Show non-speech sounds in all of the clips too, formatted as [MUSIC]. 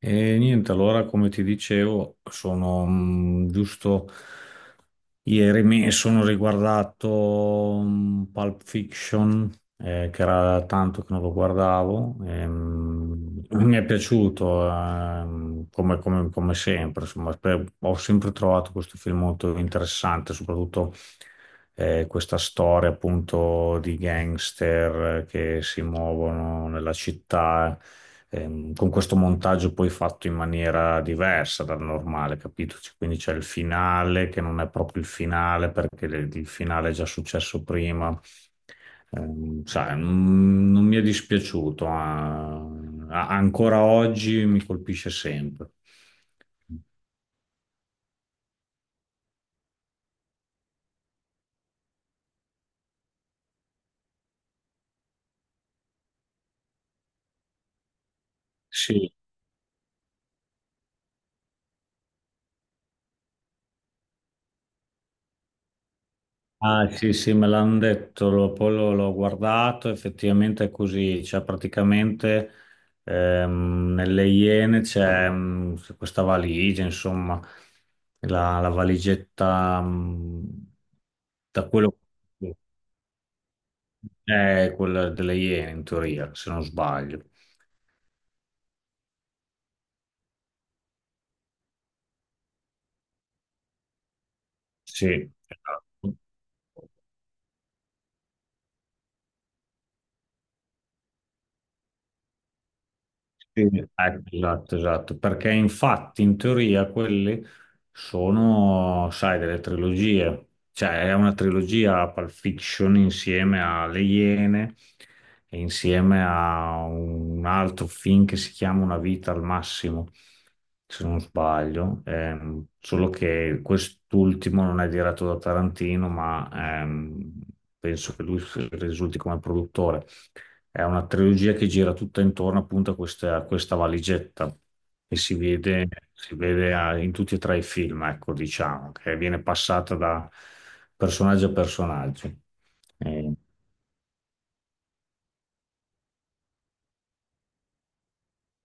E niente, allora come ti dicevo, sono giusto ieri mi sono riguardato Pulp Fiction, che era tanto che non lo guardavo, e mi è piaciuto come sempre, insomma, ho sempre trovato questo film molto interessante, soprattutto questa storia appunto di gangster che si muovono nella città con questo montaggio poi fatto in maniera diversa dal normale, capito? Quindi c'è il finale che non è proprio il finale perché il finale è già successo prima. Sai, non mi è dispiaciuto, ah, ancora oggi mi colpisce sempre. Sì. Ah, sì, sì, me l'hanno detto, poi l'ho guardato, effettivamente è così, cioè praticamente nelle Iene c'è questa valigia, insomma, la valigetta, da quello che è quella delle Iene in teoria, se non sbaglio. Sì, esatto. Sì, ecco, esatto, esatto, perché infatti in teoria quelle sono, sai, delle trilogie, cioè è una trilogia Pulp Fiction insieme a Le Iene e insieme a un altro film che si chiama Una vita al massimo, se non sbaglio. Solo che quest'ultimo non è diretto da Tarantino, ma ehm, penso che lui risulti come produttore. È una trilogia che gira tutta intorno appunto a questa valigetta che si vede, in tutti e tre i film, ecco, diciamo, che viene passata da personaggio a personaggio.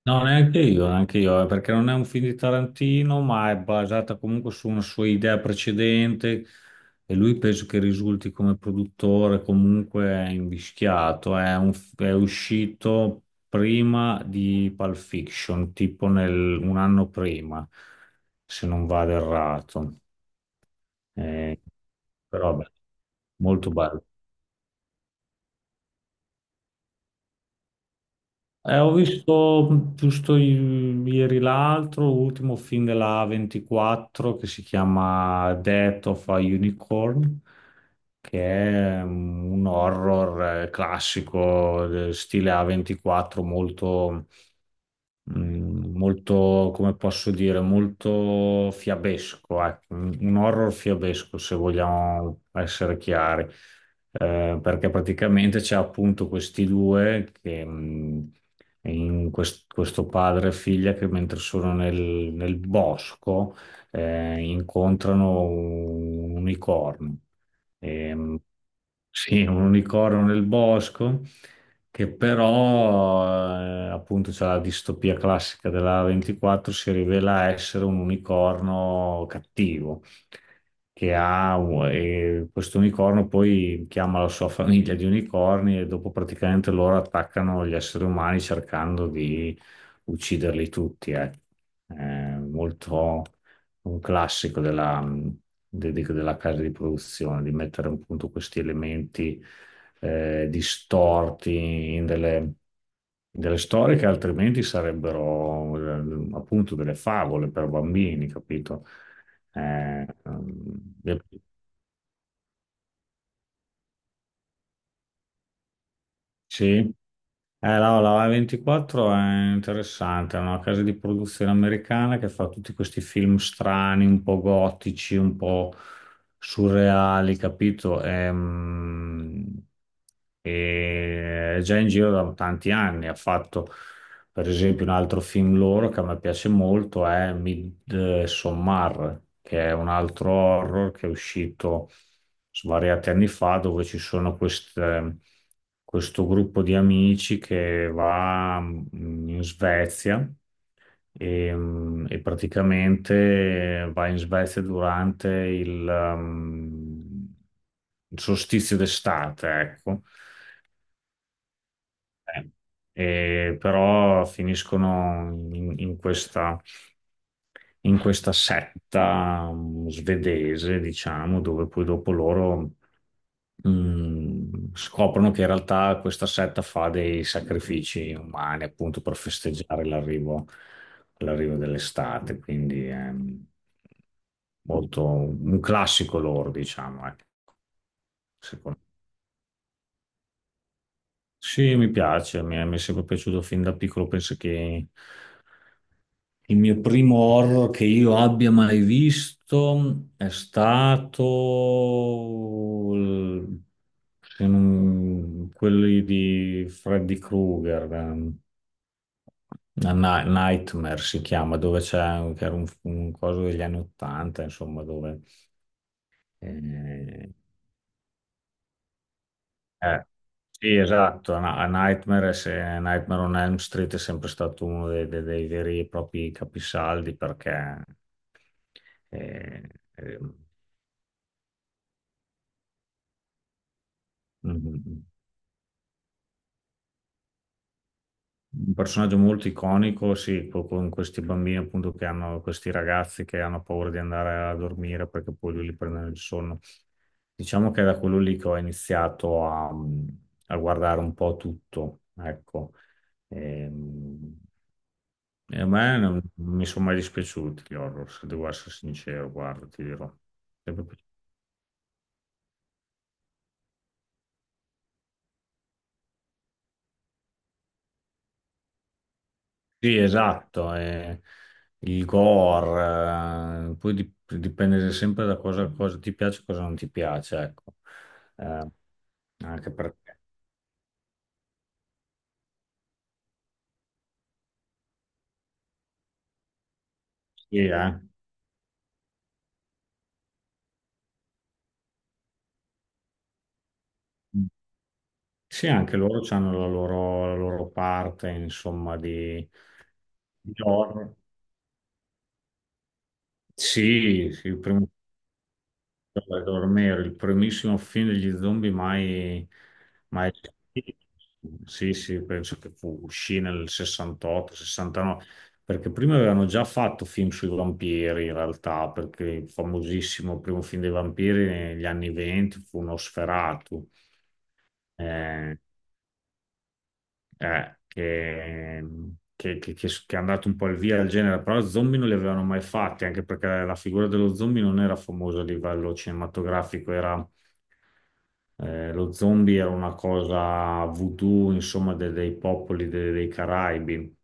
No, neanche io, perché non è un film di Tarantino, ma è basata comunque su una sua idea precedente e lui penso che risulti come produttore comunque invischiato. È uscito prima di Pulp Fiction, tipo un anno prima, se non vado errato. Eh, Però vabbè, molto bello. Ho visto giusto ieri l'altro, l'ultimo film della 24 che si chiama Death of a Unicorn, che è un horror classico, stile A24, molto molto, come posso dire, molto fiabesco, ecco, un horror fiabesco, se vogliamo essere chiari. Perché praticamente c'è appunto questi due che... mm, in quest- questo padre e figlia che mentre sono nel bosco, incontrano un unicorno. Ehm, sì, un unicorno nel bosco che però, appunto, c'è la distopia classica della 24, si rivela essere un unicorno cattivo, che ha, e questo unicorno poi chiama la sua famiglia di unicorni e dopo praticamente loro attaccano gli esseri umani cercando di ucciderli tutti, ecco. È molto un classico della casa di produzione, di mettere appunto questi elementi distorti in delle storie che altrimenti sarebbero appunto delle favole per bambini, capito? Eh, ehm, sì. No, la A24 è interessante, è una casa di produzione americana che fa tutti questi film strani, un po' gotici, un po' surreali, capito? È già in giro da tanti anni. Ha fatto, per esempio, un altro film loro che a me piace molto, è Midsommar, che è un altro horror che è uscito svariati anni fa, dove ci sono questo gruppo di amici che va in Svezia e praticamente va in Svezia durante mm, il solstizio d'estate, ecco. Eh, E però finiscono in questa setta svedese, diciamo, dove poi dopo loro scoprono che in realtà questa setta fa dei sacrifici umani appunto per festeggiare l'arrivo dell'estate, quindi è molto un classico loro, diciamo, ecco, secondo me. Sì, mi piace, mi è sempre piaciuto fin da piccolo, penso che il mio primo horror che io abbia mai visto è stato il- se non- quelli di Freddy Krueger. Nightmare si chiama, dove c'è che era un coso degli anni Ottanta, insomma, dove eh, eh, Sì, esatto, a a Nightmare, se- Nightmare on Elm Street è sempre stato uno dei, dei veri e propri capisaldi perché è, è un un personaggio molto iconico, sì, con questi bambini appunto questi ragazzi che hanno paura di andare a dormire perché poi lui li prende il sonno. Diciamo che è da quello lì che ho iniziato a guardare un po' tutto, ecco. Ehm, E a me non mi sono mai dispiaciuti gli horror, se devo essere sincero, guarda, ti dirò. Sempre più- Sì, esatto, il gore, poi dipende sempre da cosa ti piace e cosa non ti piace, ecco. Eh, anche perché, sì, eh. Sì, anche loro hanno la loro parte, insomma, di horror. Sì, sì, prima a dormire, il primissimo film degli zombie mai, mai. Sì, sì, penso che uscì nel 68, 69, perché prima avevano già fatto film sui vampiri in realtà, perché il famosissimo primo film dei vampiri negli anni 20 fu Nosferatu, eh, eh, che, che è andato un po' al via del genere, però zombie non li avevano mai fatti, anche perché la figura dello zombie non era famosa a livello cinematografico, era. Lo zombie era una cosa voodoo, insomma, dei popoli dei Caraibi,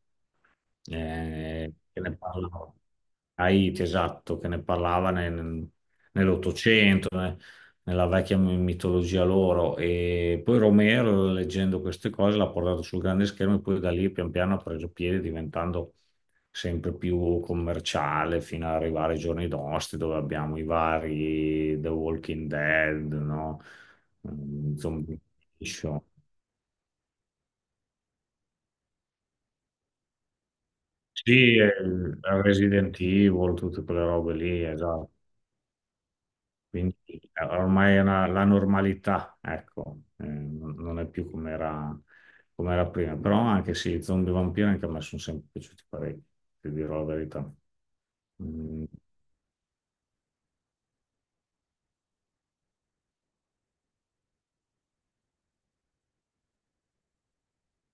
che ne parlava. Haiti, esatto, che ne parlava nell'Ottocento, nella vecchia mitologia loro. E poi Romero, leggendo queste cose, l'ha portato sul grande schermo e poi da lì pian piano ha preso piede, diventando sempre più commerciale fino ad arrivare ai giorni nostri, dove abbiamo i vari The Walking Dead, no? Zombie Nation. Sì, Resident Evil, tutte quelle robe lì, esatto. Quindi ormai è la normalità, ecco, non è più come era, prima. Però anche sì, zombie vampiri anche a me sono sempre piaciuti parecchio, ti dirò la verità. Mm,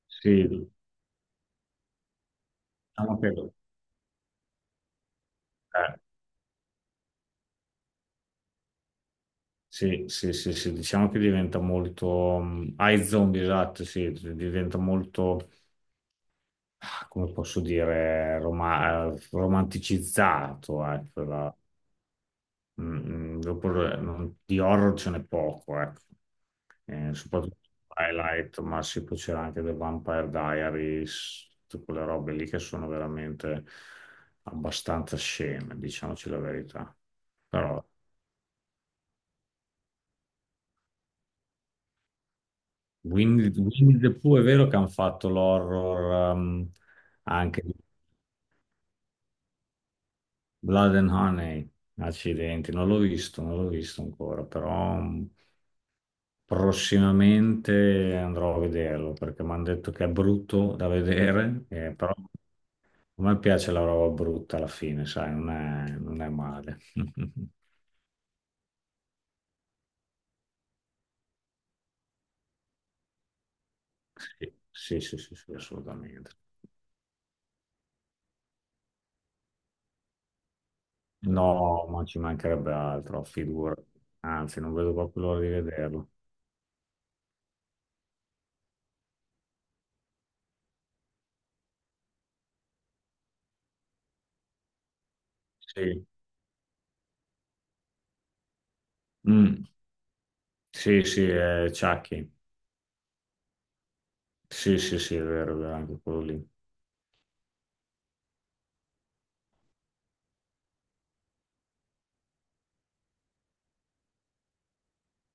sì, diciamo che, eh, sì, sì, sì, sì, diciamo che diventa molto. Ai zombie, esatto, sì, diventa molto, come posso dire, romanticizzato, ecco, la- Dopo di horror ce n'è poco, ecco. Soprattutto Twilight, ma sì, poi c'era anche The Vampire Diaries, tutte quelle robe lì che sono veramente abbastanza sceme, diciamoci la verità. Però Winnie the Pooh è vero che hanno fatto l'horror, anche di Blood and Honey, accidenti, non l'ho visto, non l'ho visto ancora, però prossimamente andrò a vederlo perché mi hanno detto che è brutto da vedere, però a me piace la roba brutta alla fine, sai, non è male. [LAUGHS] Sì, sì, sì, sì, sì, assolutamente. No, ma ci mancherebbe altro, figura. Anzi, non vedo proprio l'ora di vederlo. Sì. Mm. Sì, sì, è Chucky. Sì, sì, sì, è vero, anche quello lì.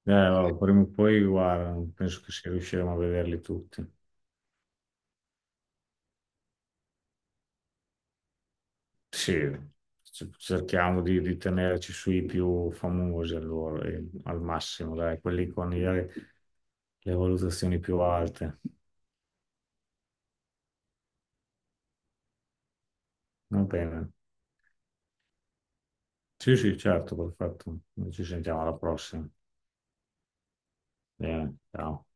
Allora, prima o poi, guarda, penso che si riusciremo a vederli tutti. Sì, cerchiamo di tenerci sui più famosi allora, e al massimo, dai, quelli con le valutazioni più alte. Va bene. Sì, sì, certo, perfetto. Ci sentiamo alla prossima. Bene, ciao.